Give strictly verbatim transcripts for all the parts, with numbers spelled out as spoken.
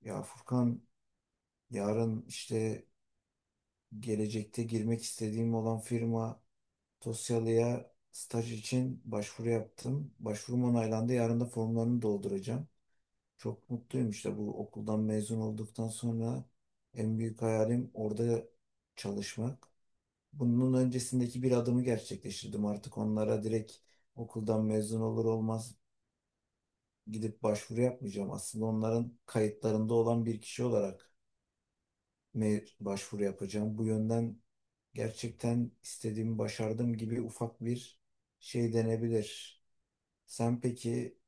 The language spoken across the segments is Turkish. Ya Furkan, yarın işte gelecekte girmek istediğim olan firma Tosyalı'ya staj için başvuru yaptım. Başvurum onaylandı. Yarın da formlarını dolduracağım. Çok mutluyum, işte bu okuldan mezun olduktan sonra en büyük hayalim orada çalışmak. Bunun öncesindeki bir adımı gerçekleştirdim. Artık onlara direkt okuldan mezun olur olmaz gidip başvuru yapmayacağım. Aslında onların kayıtlarında olan bir kişi olarak mi başvuru yapacağım. Bu yönden gerçekten istediğimi başardım gibi ufak bir şey denebilir. Sen peki,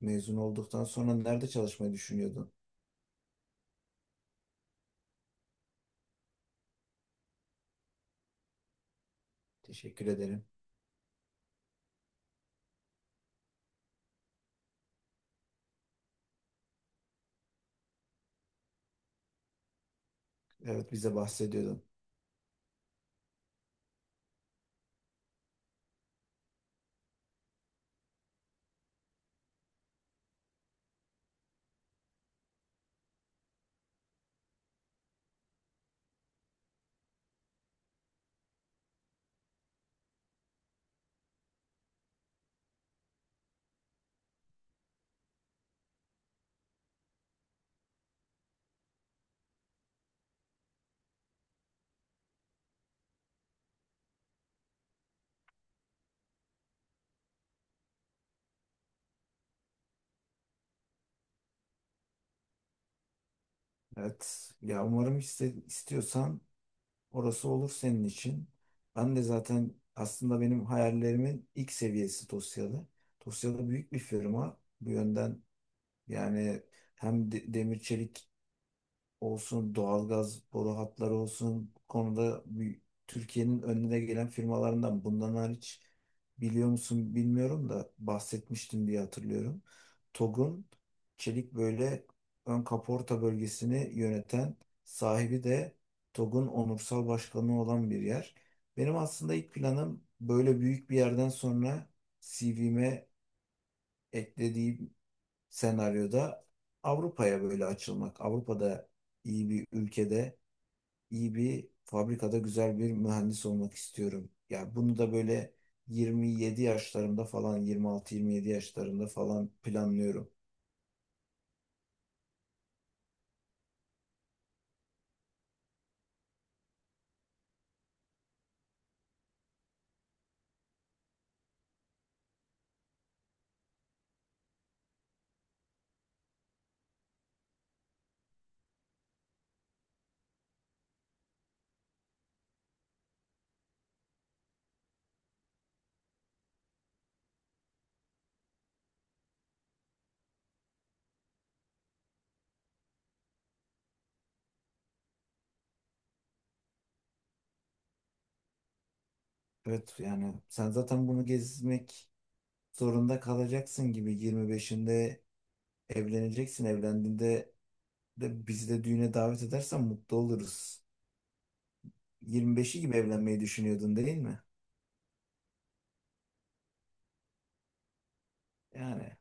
mezun olduktan sonra nerede çalışmayı düşünüyordun? Teşekkür ederim. Evet, bize bahsediyordun. Evet ya, umarım iste- istiyorsan orası olur senin için. Ben de zaten aslında benim hayallerimin ilk seviyesi Tosyalı. Tosyalı büyük bir firma. Bu yönden yani hem de- demir çelik olsun, doğalgaz boru hatları olsun bu konuda bir Türkiye'nin önüne gelen firmalarından. Bundan hariç, biliyor musun bilmiyorum da bahsetmiştim diye hatırlıyorum, T O G'un çelik böyle ön kaporta bölgesini yöneten sahibi de T O G'un onursal başkanı olan bir yer. Benim aslında ilk planım böyle büyük bir yerden sonra C V'me eklediğim senaryoda Avrupa'ya böyle açılmak, Avrupa'da iyi bir ülkede, iyi bir fabrikada güzel bir mühendis olmak istiyorum. Yani bunu da böyle yirmi yedi yaşlarımda falan, yirmi altı yirmi yedi yaşlarımda falan planlıyorum. Evet yani sen zaten bunu gezmek zorunda kalacaksın gibi, yirmi beşinde evleneceksin. Evlendiğinde de bizi de düğüne davet edersen mutlu oluruz. yirmi beşi gibi evlenmeyi düşünüyordun değil mi? Yani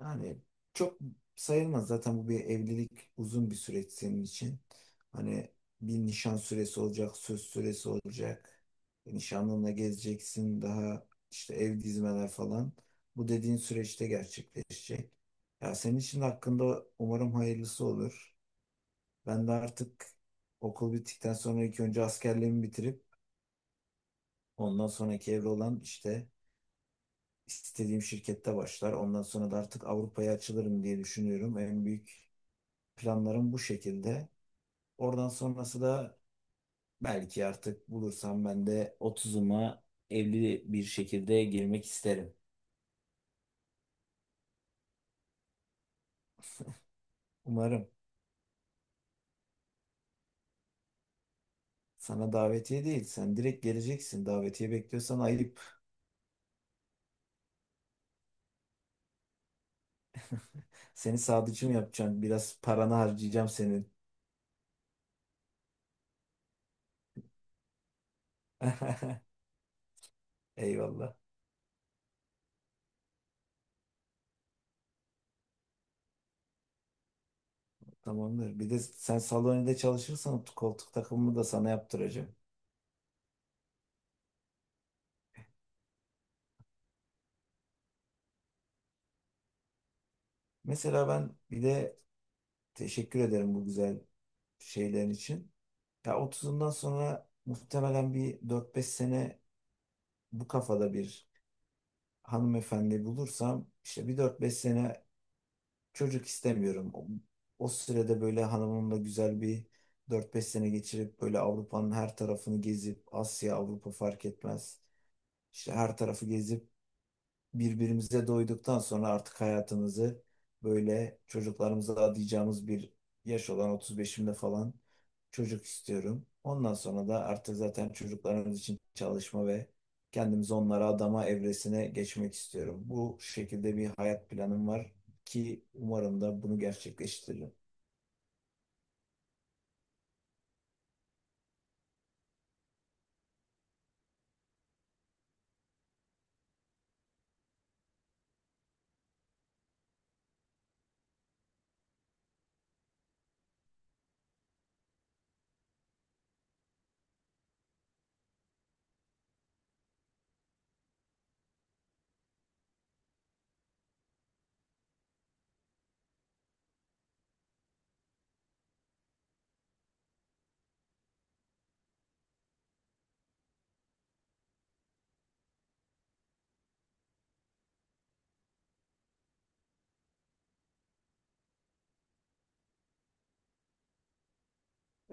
Yani çok sayılmaz zaten, bu bir evlilik, uzun bir süreç senin için. Hani bir nişan süresi olacak, söz süresi olacak. E, Nişanlınla gezeceksin, daha işte ev dizmeler falan. Bu dediğin süreçte gerçekleşecek. Ya senin için de hakkında umarım hayırlısı olur. Ben de artık okul bittikten sonra ilk önce askerliğimi bitirip ondan sonraki evre olan işte istediğim şirkette başlar. Ondan sonra da artık Avrupa'ya açılırım diye düşünüyorum. En büyük planlarım bu şekilde. Oradan sonrası da belki artık bulursam ben de otuzuma evli bir şekilde girmek isterim. Umarım. Sana davetiye değil. Sen direkt geleceksin. Davetiye bekliyorsan ayıp. Seni sadıcı mı yapacağım? Biraz paranı harcayacağım senin. Eyvallah. Tamamdır. Bir de sen salonide çalışırsan koltuk takımımı da sana yaptıracağım. Mesela ben bir de teşekkür ederim bu güzel şeylerin için. Ya otuzundan sonra muhtemelen bir dört beş sene bu kafada bir hanımefendi bulursam, işte bir dört beş sene çocuk istemiyorum. O, o sürede böyle hanımımla güzel bir dört beş sene geçirip böyle Avrupa'nın her tarafını gezip, Asya, Avrupa fark etmez. İşte her tarafı gezip birbirimize doyduktan sonra artık hayatımızı böyle çocuklarımıza adayacağımız bir yaş olan otuz beşimde falan çocuk istiyorum. Ondan sonra da artık zaten çocuklarımız için çalışma ve kendimizi onlara adama evresine geçmek istiyorum. Bu şekilde bir hayat planım var ki umarım da bunu gerçekleştiririm.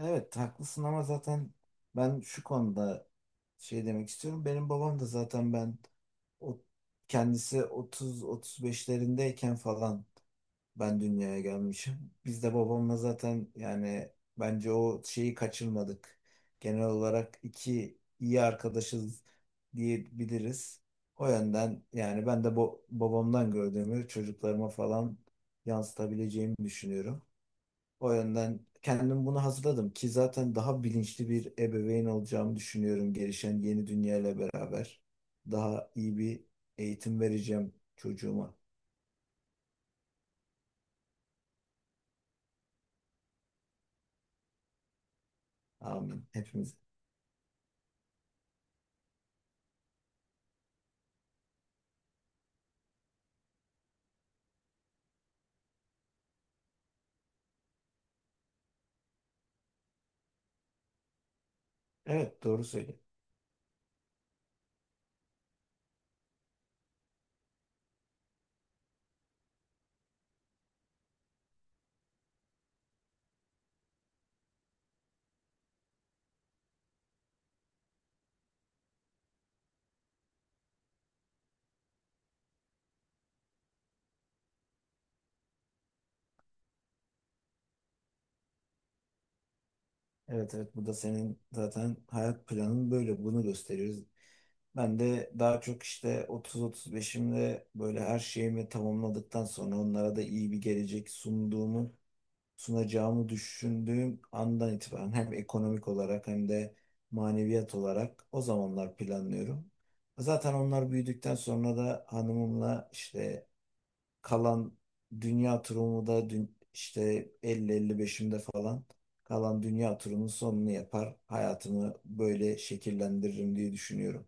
Evet haklısın ama zaten ben şu konuda şey demek istiyorum. Benim babam da zaten ben, o kendisi otuz otuz beşlerindeyken falan ben dünyaya gelmişim. Biz de babamla zaten yani bence o şeyi kaçırmadık. Genel olarak iki iyi arkadaşız diyebiliriz. O yönden yani ben de bu babamdan gördüğümü çocuklarıma falan yansıtabileceğimi düşünüyorum. O yönden kendim bunu hazırladım ki zaten daha bilinçli bir ebeveyn olacağımı düşünüyorum gelişen yeni dünyayla beraber. Daha iyi bir eğitim vereceğim çocuğuma. Amin. Hepimiz. Evet doğru söylüyorsun. Evet evet, bu da senin zaten hayat planın, böyle bunu gösteriyoruz. Ben de daha çok işte otuz otuz beşimde böyle her şeyimi tamamladıktan sonra, onlara da iyi bir gelecek sunduğumu sunacağımı düşündüğüm andan itibaren, hem ekonomik olarak hem de maneviyat olarak, o zamanlar planlıyorum. Zaten onlar büyüdükten sonra da hanımımla işte kalan dünya turumu da dün, işte elli elli beşimde falan kalan dünya turunun sonunu yapar. Hayatımı böyle şekillendiririm diye düşünüyorum.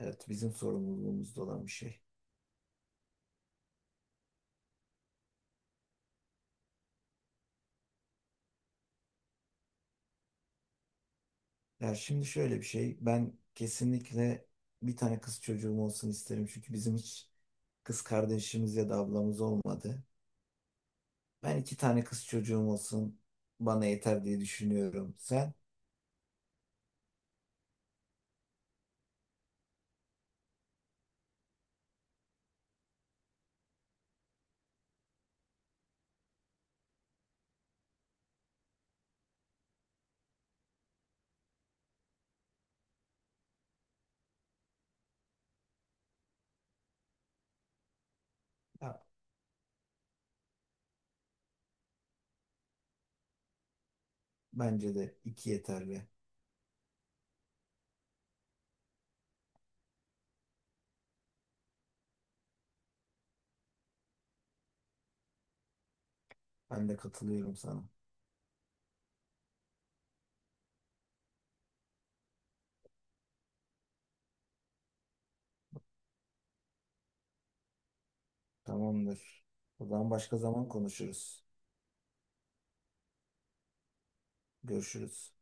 Evet bizim sorumluluğumuzda olan bir şey. Ya şimdi şöyle bir şey, ben kesinlikle bir tane kız çocuğum olsun isterim çünkü bizim hiç kız kardeşimiz ya da ablamız olmadı. Ben iki tane kız çocuğum olsun bana yeter diye düşünüyorum. Sen? Ya, bence de iki yeterli. Ben de katılıyorum sana. Tamamdır. O zaman başka zaman konuşuruz. Görüşürüz.